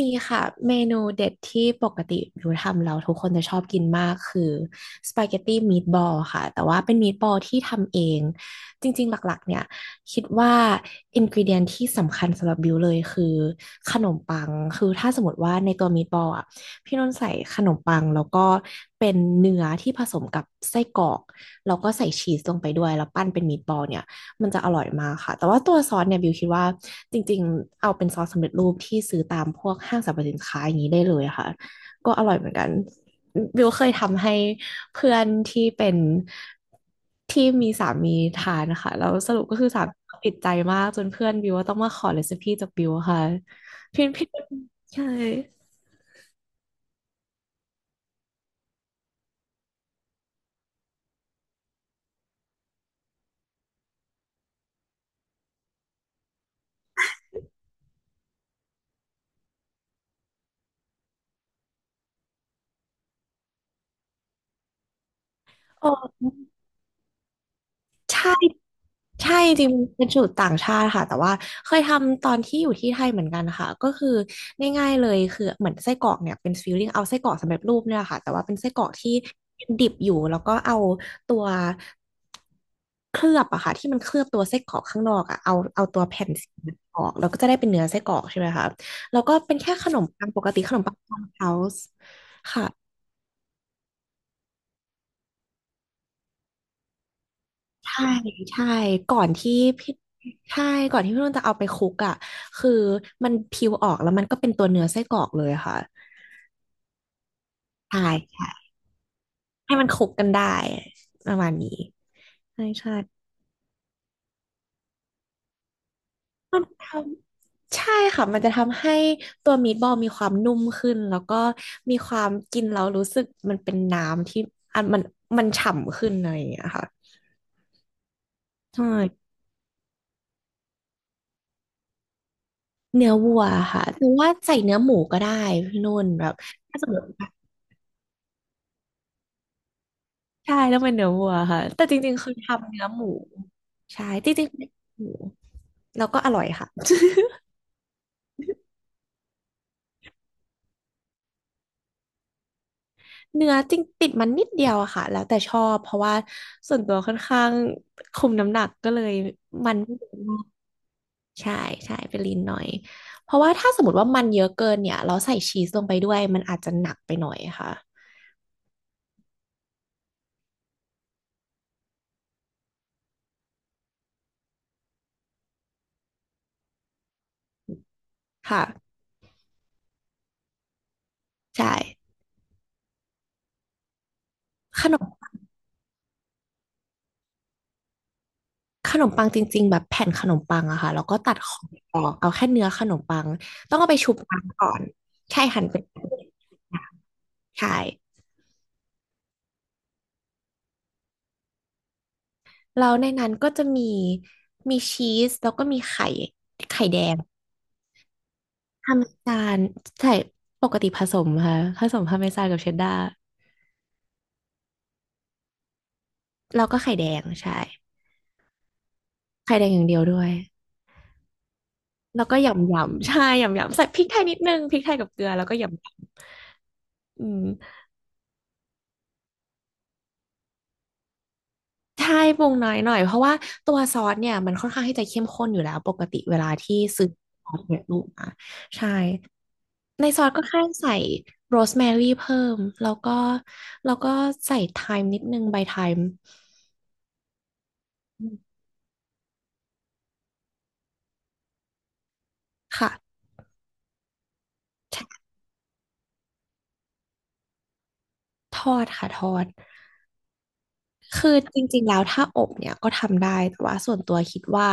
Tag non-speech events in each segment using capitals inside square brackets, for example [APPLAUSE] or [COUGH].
มีค่ะเมนูเด็ดที่ปกติบิวทำเราทุกคนจะชอบกินมากคือสปาเกตตี้มีดบอลค่ะแต่ว่าเป็นมีดบอลที่ทำเองจริงๆหลักๆเนี่ยคิดว่าอินก e เดียนที่สำคัญสำหรับบิวเลยคือขนมปังคือถ้าสมมติว่าในตัวมีดบอลอ่ะพี่นนท์ใส่ขนมปังแล้วก็เป็นเนื้อที่ผสมกับไส้กรอกแล้วก็ใส่ชีสลงไปด้วยแล้วปั้นเป็นมีดบอลเนี่ย มันจะอร่อยมากค่ะ แต่ว่าตัวซอสเนี่ยบิวคิดว่าจริงๆเอาเป็นซอสสำเร็จรูปที่ซื้อตามพวกห้างสรรพสินค้าอย่างนี้ได้เลยค่ะก็อร่อยเหมือนกันบิวเคยทำให้เพื่อนที่เป็นที่มีสามีทานนะคะแล้วสรุปก็คือสามีติดใจมากจนเพื่อนบิวว่าต้องมาขอเรซิปี้จากบิวค่ะพี่พี่ใช่โอ้ใช่ ใช่จริงๆเป็นสูตรต่างชาติค่ะแต่ว่าเคยทำตอนที่อยู่ที่ไทยเหมือนกันค่ะก็คือง่ายๆเลยคือเหมือนไส้กรอกเนี่ยเป็นฟิลลิ่งเอาไส้กรอกสำเร็จรูปเนี่ยแหละค่ะแต่ว่าเป็นไส้กรอกที่ดิบอยู่แล้วก็เอาตัวเคลือบอะค่ะที่มันเคลือบตัวไส้กรอกข้างนอกอะเอาตัวแผ่นสีออกแล้วก็จะได้เป็นเนื้อไส้กรอกใช่ไหมคะแล้วก็เป็นแค่ขนมปังปกติขนมปังฟาร์มเฮาส์ค่ะ ใช่ใช่ก่อนที่พี่ใช่ก่อนที่พี่นุ่นจะเอาไปคลุกอ่ะคือมันพิวออกแล้วมันก็เป็นตัวเนื้อไส้กรอกเลยอะค่ะใช่ใช่ให้มันคลุกกันได้ประมาณนี้ใช่ใช่มันทำใช่ค่ะมันจะทำให้ตัวมีดบอลมีความนุ่มขึ้นแล้วก็มีความกินแล้วรู้สึกมันเป็นน้ำที่อันมันฉ่ำขึ้นอะไรอย่างเงี้ยค่ะใช่เนื้อวัวค่ะหรือว่าใส่เนื้อหมูก็ได้พี่นุ่นแบบถ้าสมมติ ใช่ต้องเป็นเนื้อวัวค่ะแต่จริงๆคือทำเนื้อหมูใช่จริงๆเป็นหมูแล้วก็อร่อยค่ะ [LAUGHS] เนื้อจริงติดมันนิดเดียวอะค่ะแล้วแต่ชอบเพราะว่าส่วนตัวค่อนข้างคุมน้ำหนักก็เลยมันไม่เยอะมากใช่ใช่เป็นลีนหน่อยเพราะว่าถ้าสมมติว่ามันเยอะเกินเนี่ยเราใส่ชีสลงไปด้วยมันอาจจะหนักไปหน่อยค่ะค่ะใช่ขนม ขนมปังจริงๆแบบแผ่นขนมปังอะค่ะแล้วก็ตัดของออกเอาแค่เนื้อขนมปังต้องเอาไปชุบน้ำก่อนใช่หั่นเป็นใช่แล้วในนั้นก็จะมีมีชีสแล้วก็มีไข่ไข่แดงพาร์เมซานใช่ปกติผสมค่ะผสมพาร์เมซานกับเชดดาร์แล้วก็ไข่แดงใช่ไข่แดงอย่างเดียวด้วยแล้วก็ยำยำใช่ยำยำใส่พริกไทยนิดนึงพริกไทยกับเกลือแล้วก็ยำยำอืม ใช่ปรุงน้อยหน่อยเพราะว่าตัวซอสเนี่ยมันค่อนข้างที่จะเข้มข้นอยู่แล้ว ปกติเวลาที่ซื้อซอสสำเร็จูกมาใช่ ในซอสก็แค่ใส่โรสแมรี่เพิ่ม แล้วก็ใส่ไทม์นิดนึงใบไทม์ค่ะทอดค่ะทอด คือจริงๆแล้วถ้าอบเนี่ยก็ทำได้แต่ว่าส่วนตัวคิดว่า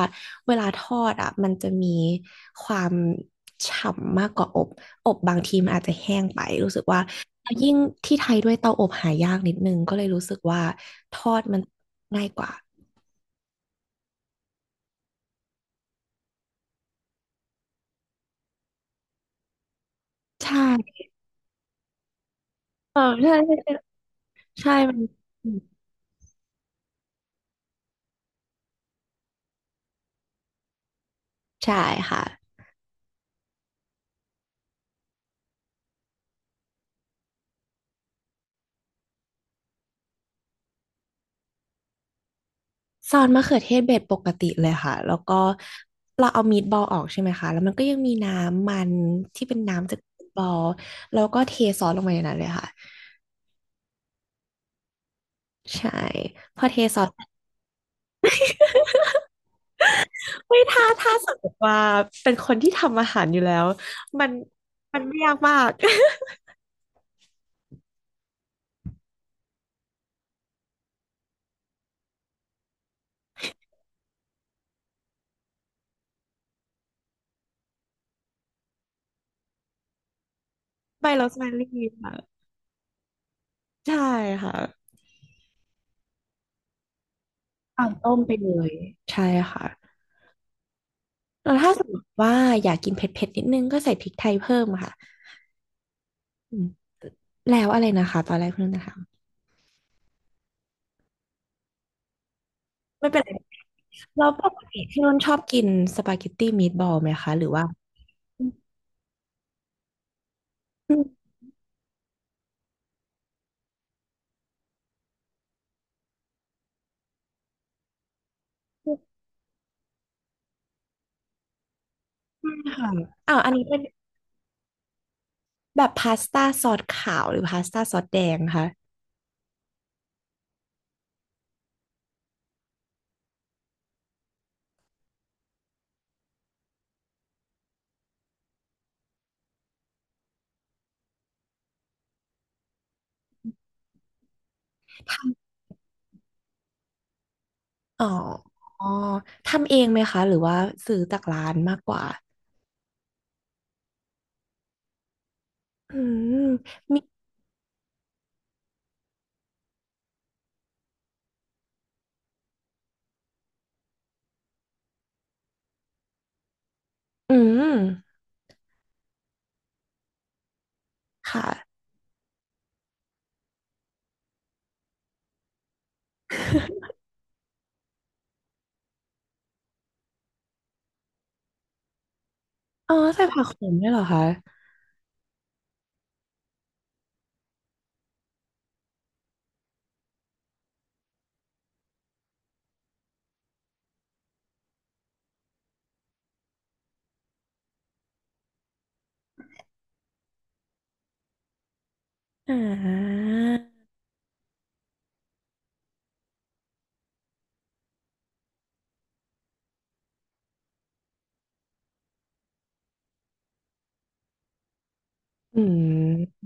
เวลาทอดอ่ะมันจะมีความฉ่ำมากกว่าอบอบบางทีมันอาจจะแห้งไปรู้สึกว่าแล้วยิ่งที่ไทยด้วยเตาอบหายากนิดนึงก็เลยรู้สึกว่าทอดมันง่ายกว่าใช่เออใช่ใช่ใช่มันใช่ค่ะ ซอสมะเขือเทศเบ็ดปกติเลยค่ะแล้วก็เราเอามีดบอลออกใช่ไหมคะแล้วมันก็ยังมีน้ำมันที่เป็นน้ำจากมีทบอลแล้วก็เทซอสลงไปในนั้นเลยค่ะใช่พอเทซอสไม่ท้าสมมติว่าเป็นคนที่ทำอาหารอยู่แล้วมันมันไม่ยากมาก [LAUGHS] ใบโรสแมรี่ค่ะใช่ค่ะตามต้มไปเลยใช่ค่ะแล้วถ้าสมมติว่าอยากกินเผ็ดๆนิดนึงก็ใส่พริกไทยเพิ่มค่ะอืมแล้วอะไรนะคะตอนแรกเพื่อนนะคะไม่เป็นไร แล้วปกติพี่นุ่นชอบกินสปาเกตตี้มีทบอลไหมคะหรือว่าอืมไม่ค่ะอ้าวอันนี้เป็นแบบพาสต้าซอสขาวหรือพาสต้าซอสแดงคะอ๋ออ๋อทำเองไหมคะหรือว่าซื้อจากร้านมากกว่าอืมมีอืมค่ะอ๋อใส่ผักโขมด้วยเหรอคะอ่าอืม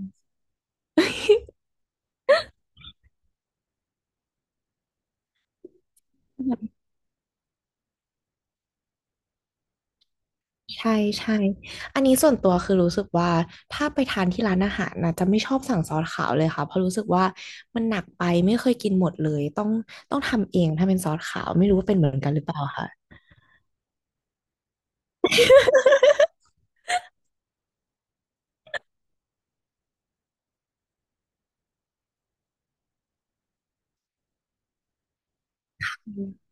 ใช่ใช่อันนี้ส่วนตัวคือรู้สึกว่าถ้าไปทานที่ร้านอาหารนะจะไม่ชอบสั่งซอสขาวเลยค่ะเพราะรู้สึกว่ามันหนักไปไม่เคยกินหมดเลยต้องทำเองถ้าเป็นซอสขาวไม่รู้ว่าเป็นเหมือนกันหรือเปล่าค่ะอืม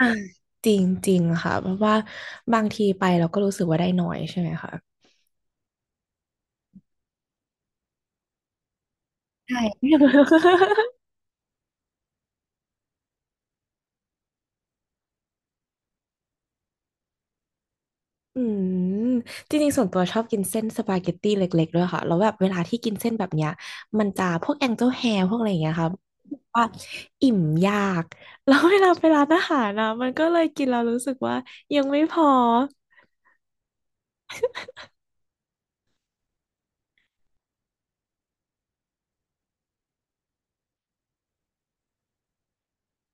อ่าจริงจริงค่ะเพราะว่าบางทีไปเราก็รู้สึกว่าได้น้อยใช่ไหมคะใช่ [LAUGHS] อืมจริงๆส่วนตัวชอบกินเส้นสปาเกตตี้เล็กๆด้วยค่ะแล้วแบบเวลาที่กินเส้นแบบเนี้ยมันจะพวกแองเจิลแฮร์พวกอะไรอย่างเงี้ยค่ะว่าอิ่มยาก [LAUGHS] แล้วเวลาไปร้านอาหารนะมันก็เลยกินแล้วรู้สึกว่ายังไม่พอ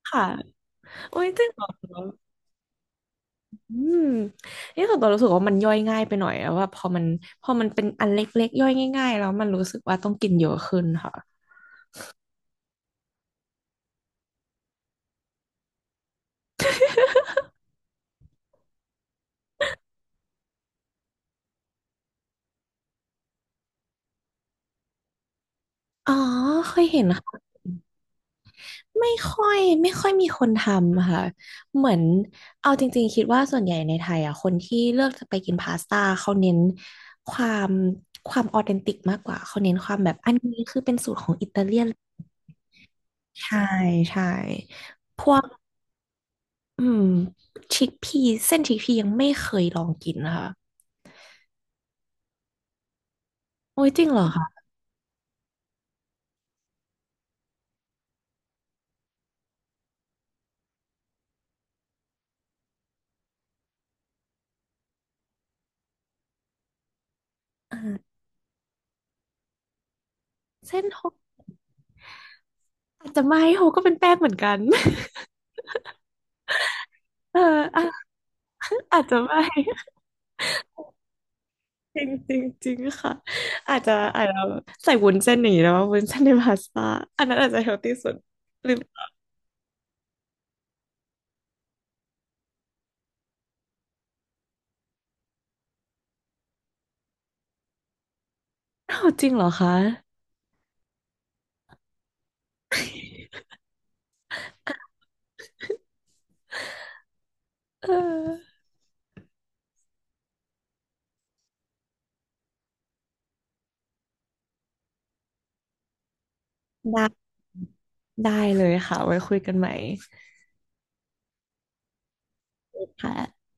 ค่ะโอ้ยจริงเหรออืมนี่ส่วนตัวรู้สึกว่ามันย่อยง่ายไปหน่อยอะว่าพอมันเป็นอันเล็กๆย่อยง่ายๆแล้วมันรู้สึกว่าต้องกินเยอะขึ้นค่ะอ๋อเคยเห็นค่ะ ไม่ค่อยมีคนทำค่ะเหมือนเอาจริงๆคิดว่าส่วนใหญ่ในไทยอ่ะคนที่เลือกจะไปกินพาสต้าเขาเน้นความความออเทนติกมากกว่าเขาเน้นความแบบอันนี้คือเป็นสูตรของอิตาเลียนใช่ใช่อืมชิคพีเส้นชิคพียังไม่เคยลองกินนะคะโอ้ยจริงเหรอคะอ่าเส้นโฮอาจจะไม่โฮก็เป็นแป้งเหมือนกัน [LAUGHS] เอออ่ะ [LAUGHS] อาจจะไม่ จริงจริงจริงค่ะอาจจะใส่วุ้นเส้นอย่างนี้แล้วว่าวุ้นเส้นในพาสต้าอันนั้นอาจจะเฮลตี้สุดหรืออ้าวจริงเหรอคะเออได้ได้เลยค่ะไว้คุยกันใหม่ค่ะ